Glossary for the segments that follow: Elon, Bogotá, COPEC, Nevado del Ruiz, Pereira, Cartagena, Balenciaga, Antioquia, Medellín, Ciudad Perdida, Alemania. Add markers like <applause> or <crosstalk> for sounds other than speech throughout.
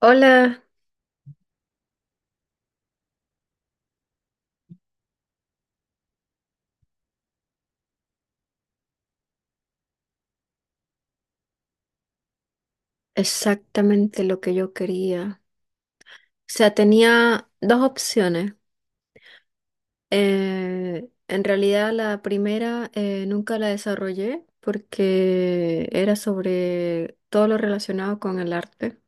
Hola, exactamente lo que yo quería. O sea, tenía dos opciones. En realidad la primera nunca la desarrollé porque era sobre todo lo relacionado con el arte.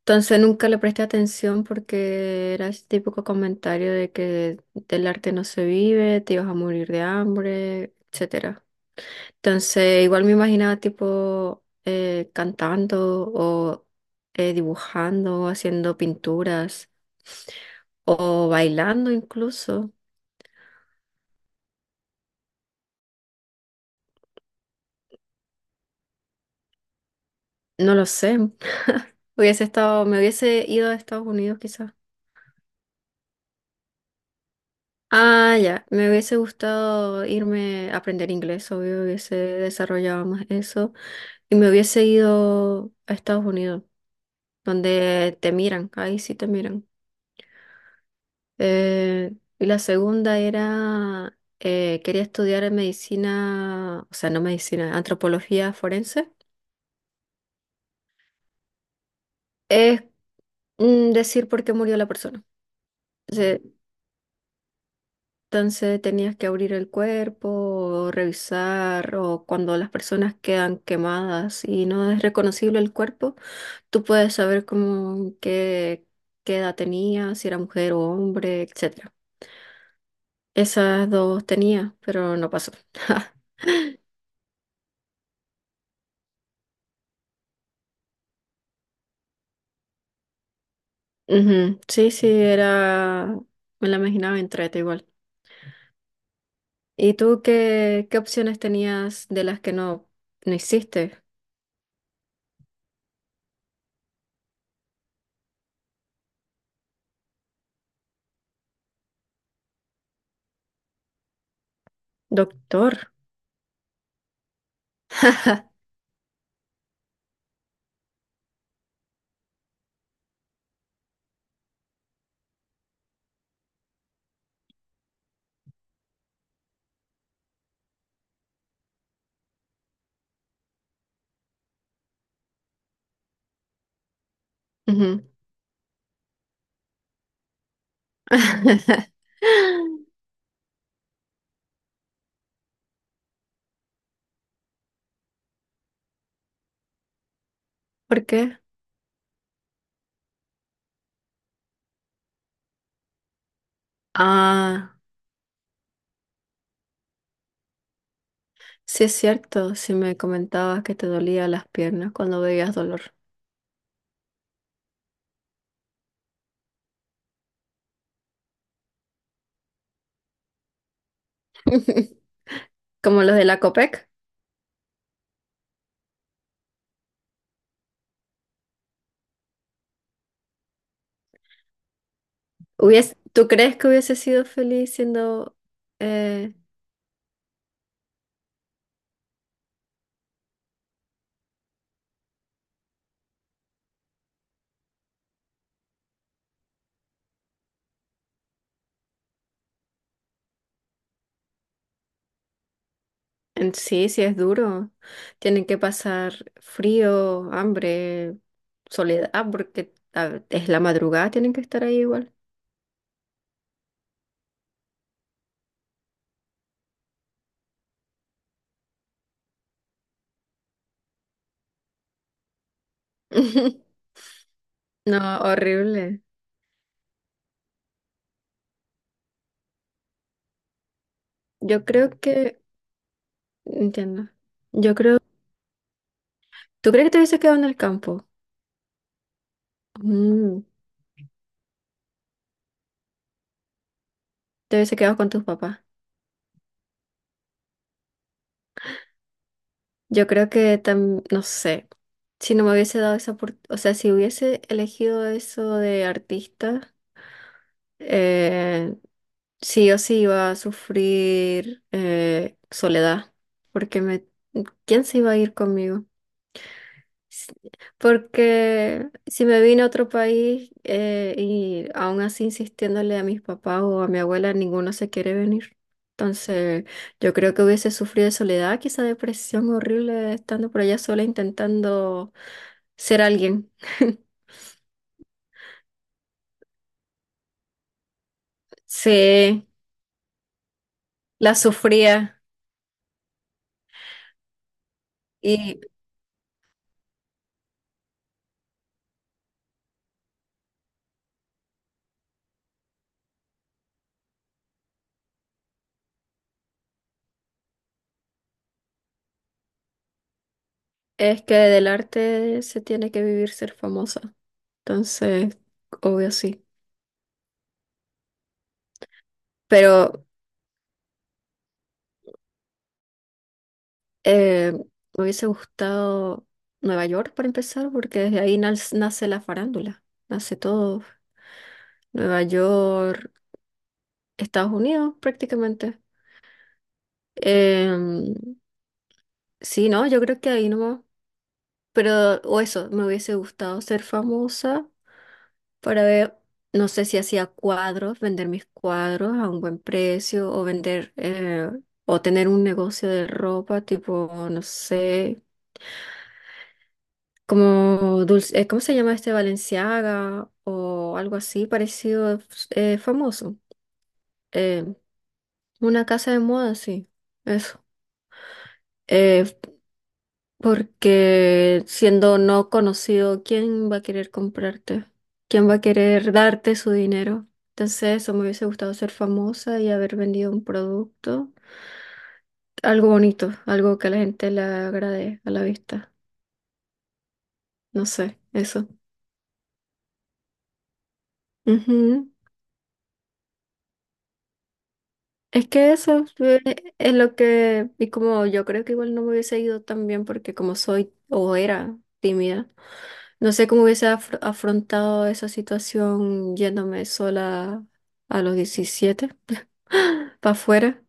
Entonces nunca le presté atención porque era ese típico comentario de que del arte no se vive, te ibas a morir de hambre, etcétera. Entonces, igual me imaginaba tipo cantando o dibujando, haciendo pinturas o bailando incluso. No lo sé. Hubiese estado, me hubiese ido a Estados Unidos quizás. Ah, ya. Me hubiese gustado irme a aprender inglés, obvio, hubiese desarrollado más eso. Y me hubiese ido a Estados Unidos, donde te miran, ahí sí te miran. Eh, y la segunda era, quería estudiar medicina, o sea, no medicina, antropología forense. Es decir por qué murió la persona. Entonces, entonces, tenías que abrir el cuerpo, o revisar, o cuando las personas quedan quemadas y no es reconocible el cuerpo, tú puedes saber cómo, qué, qué edad tenía, si era mujer o hombre, etcétera. Esas dos tenía, pero no pasó. <laughs> Ujú, sí, sí, era, me la imaginaba entrete igual. ¿Y tú qué, qué opciones tenías de las que no, no hiciste? Doctor. Ujú. <laughs> ¿Por qué? Ah, sí es cierto, sí me comentabas que te dolía las piernas cuando veías dolor. <laughs> Como los de la COPEC. Hubies- ¿tú crees que hubiese sido feliz siendo eh, en sí, sí es duro. Tienen que pasar frío, hambre, soledad, ah, porque a- es la madrugada, tienen que estar ahí igual. <laughs> No, horrible. Yo creo que, entiendo. Yo creo, ¿tú crees que te hubiese quedado en el campo? Mm, te hubiese quedado con tus papás. Yo creo que tam- no sé, si no me hubiese dado esa oportunidad, o sea, si hubiese elegido eso de artista, eh, sí o sí iba a sufrir soledad, porque me, ¿quién se iba a ir conmigo? S- Porque si me vine a otro país y aún así insistiéndole a mis papás o a mi abuela, ninguno se quiere venir. Entonces, yo creo que hubiese sufrido de soledad, quizá depresión horrible estando por allá sola intentando ser alguien. <laughs> Sí, la sufría y es que del arte se tiene que vivir ser famosa. Entonces, obvio sí. Pero eh, me hubiese gustado Nueva York para empezar, porque desde ahí nas- nace la farándula, nace todo. Nueva York, Estados Unidos prácticamente. Em, sí, no, yo creo que ahí nomás. Pero, o eso, me hubiese gustado ser famosa para ver, no sé si hacía cuadros, vender mis cuadros a un buen precio o vender... o tener un negocio de ropa, tipo, no sé, como dulce, ¿cómo se llama este Balenciaga o algo así parecido famoso? Eh, una casa de moda, sí, eso. Eh, Porque siendo no conocido, ¿quién va a querer comprarte? ¿Quién va a querer darte su dinero? Entonces, eso me hubiese gustado ser famosa y haber vendido un producto, algo bonito, algo que a la gente le agrade a la vista. No sé, eso. Es que eso fue- es lo que, y como yo creo que igual no me hubiese ido tan bien porque como soy o era tímida, no sé cómo hubiese afr- afrontado esa situación yéndome sola a los 17 para afuera.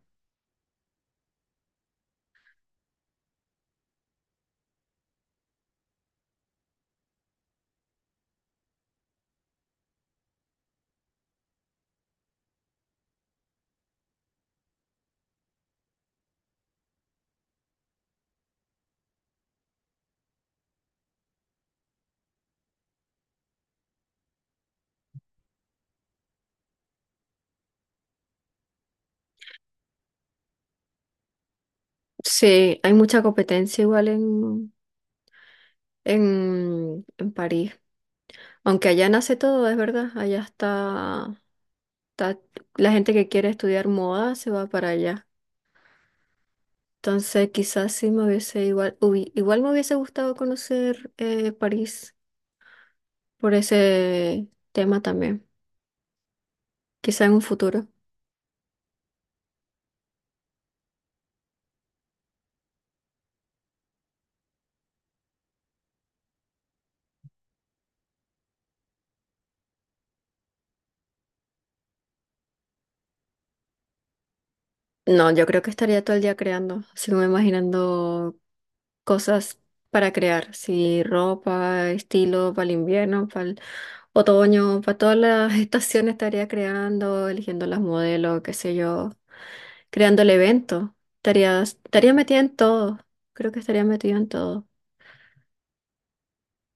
Sí, hay mucha competencia igual en París. Aunque allá nace todo, es verdad, allá está, está la gente que quiere estudiar moda se va para allá. Entonces, quizás sí me hubiese igual, hubi- igual me hubiese gustado conocer París por ese tema también. Quizás en un futuro. No, yo creo que estaría todo el día creando, así como imaginando cosas para crear, si ropa, estilo para el invierno, para el otoño, para todas las <laughs> estaciones estaría creando, eligiendo las modelos, qué sé yo, creando el evento. Estaría, estaría metida en todo. Creo que estaría metida en todo.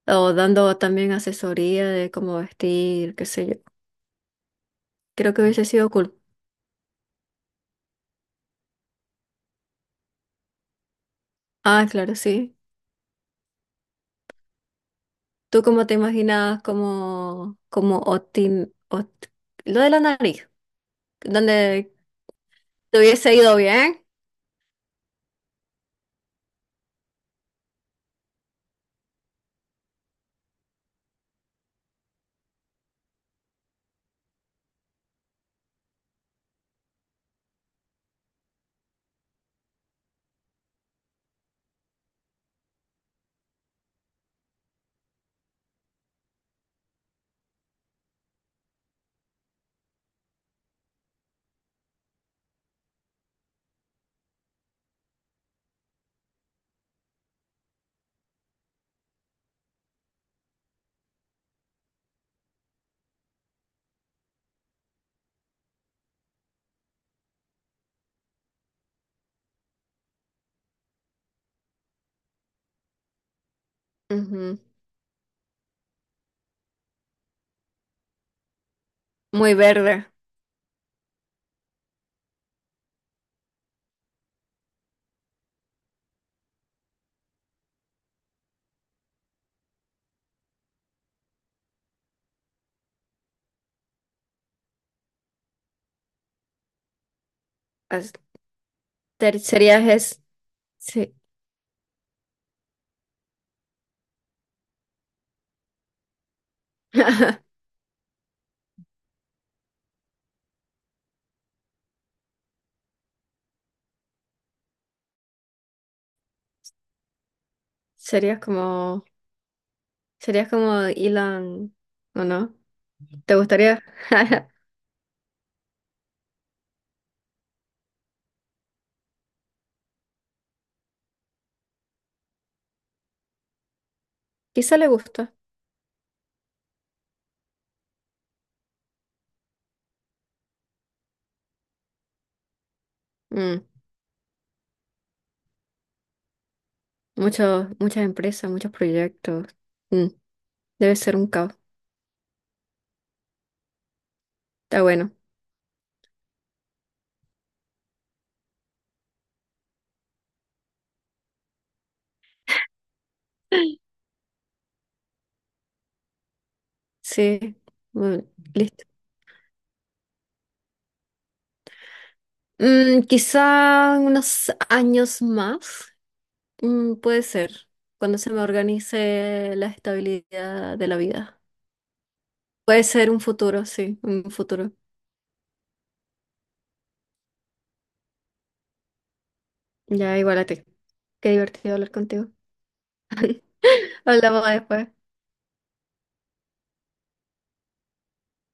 O dando también asesoría de cómo vestir, qué sé yo. Creo que hubiese sido cool. Ah, claro, sí. ¿Tú cómo te imaginabas como, como Otin, Ot- lo de la nariz? Donde te hubiese ido bien. Ujú. Muy verde. As- ter- serías es, sí. <laughs> Serías como, serías como Elon, ¿o no? ¿Te gustaría? <laughs> Quizá le gusta. Mm. Muchos, muchas empresas, muchos proyectos. Mm. Debe ser un caos. Está bueno. Sí. Bueno, listo. Mm, quizá unos años más. Mm, puede ser. Cuando se me organice la estabilidad de la vida. Puede ser un futuro, sí, un futuro. Ya, igual a ti. Qué divertido hablar contigo. <laughs> Hablamos después.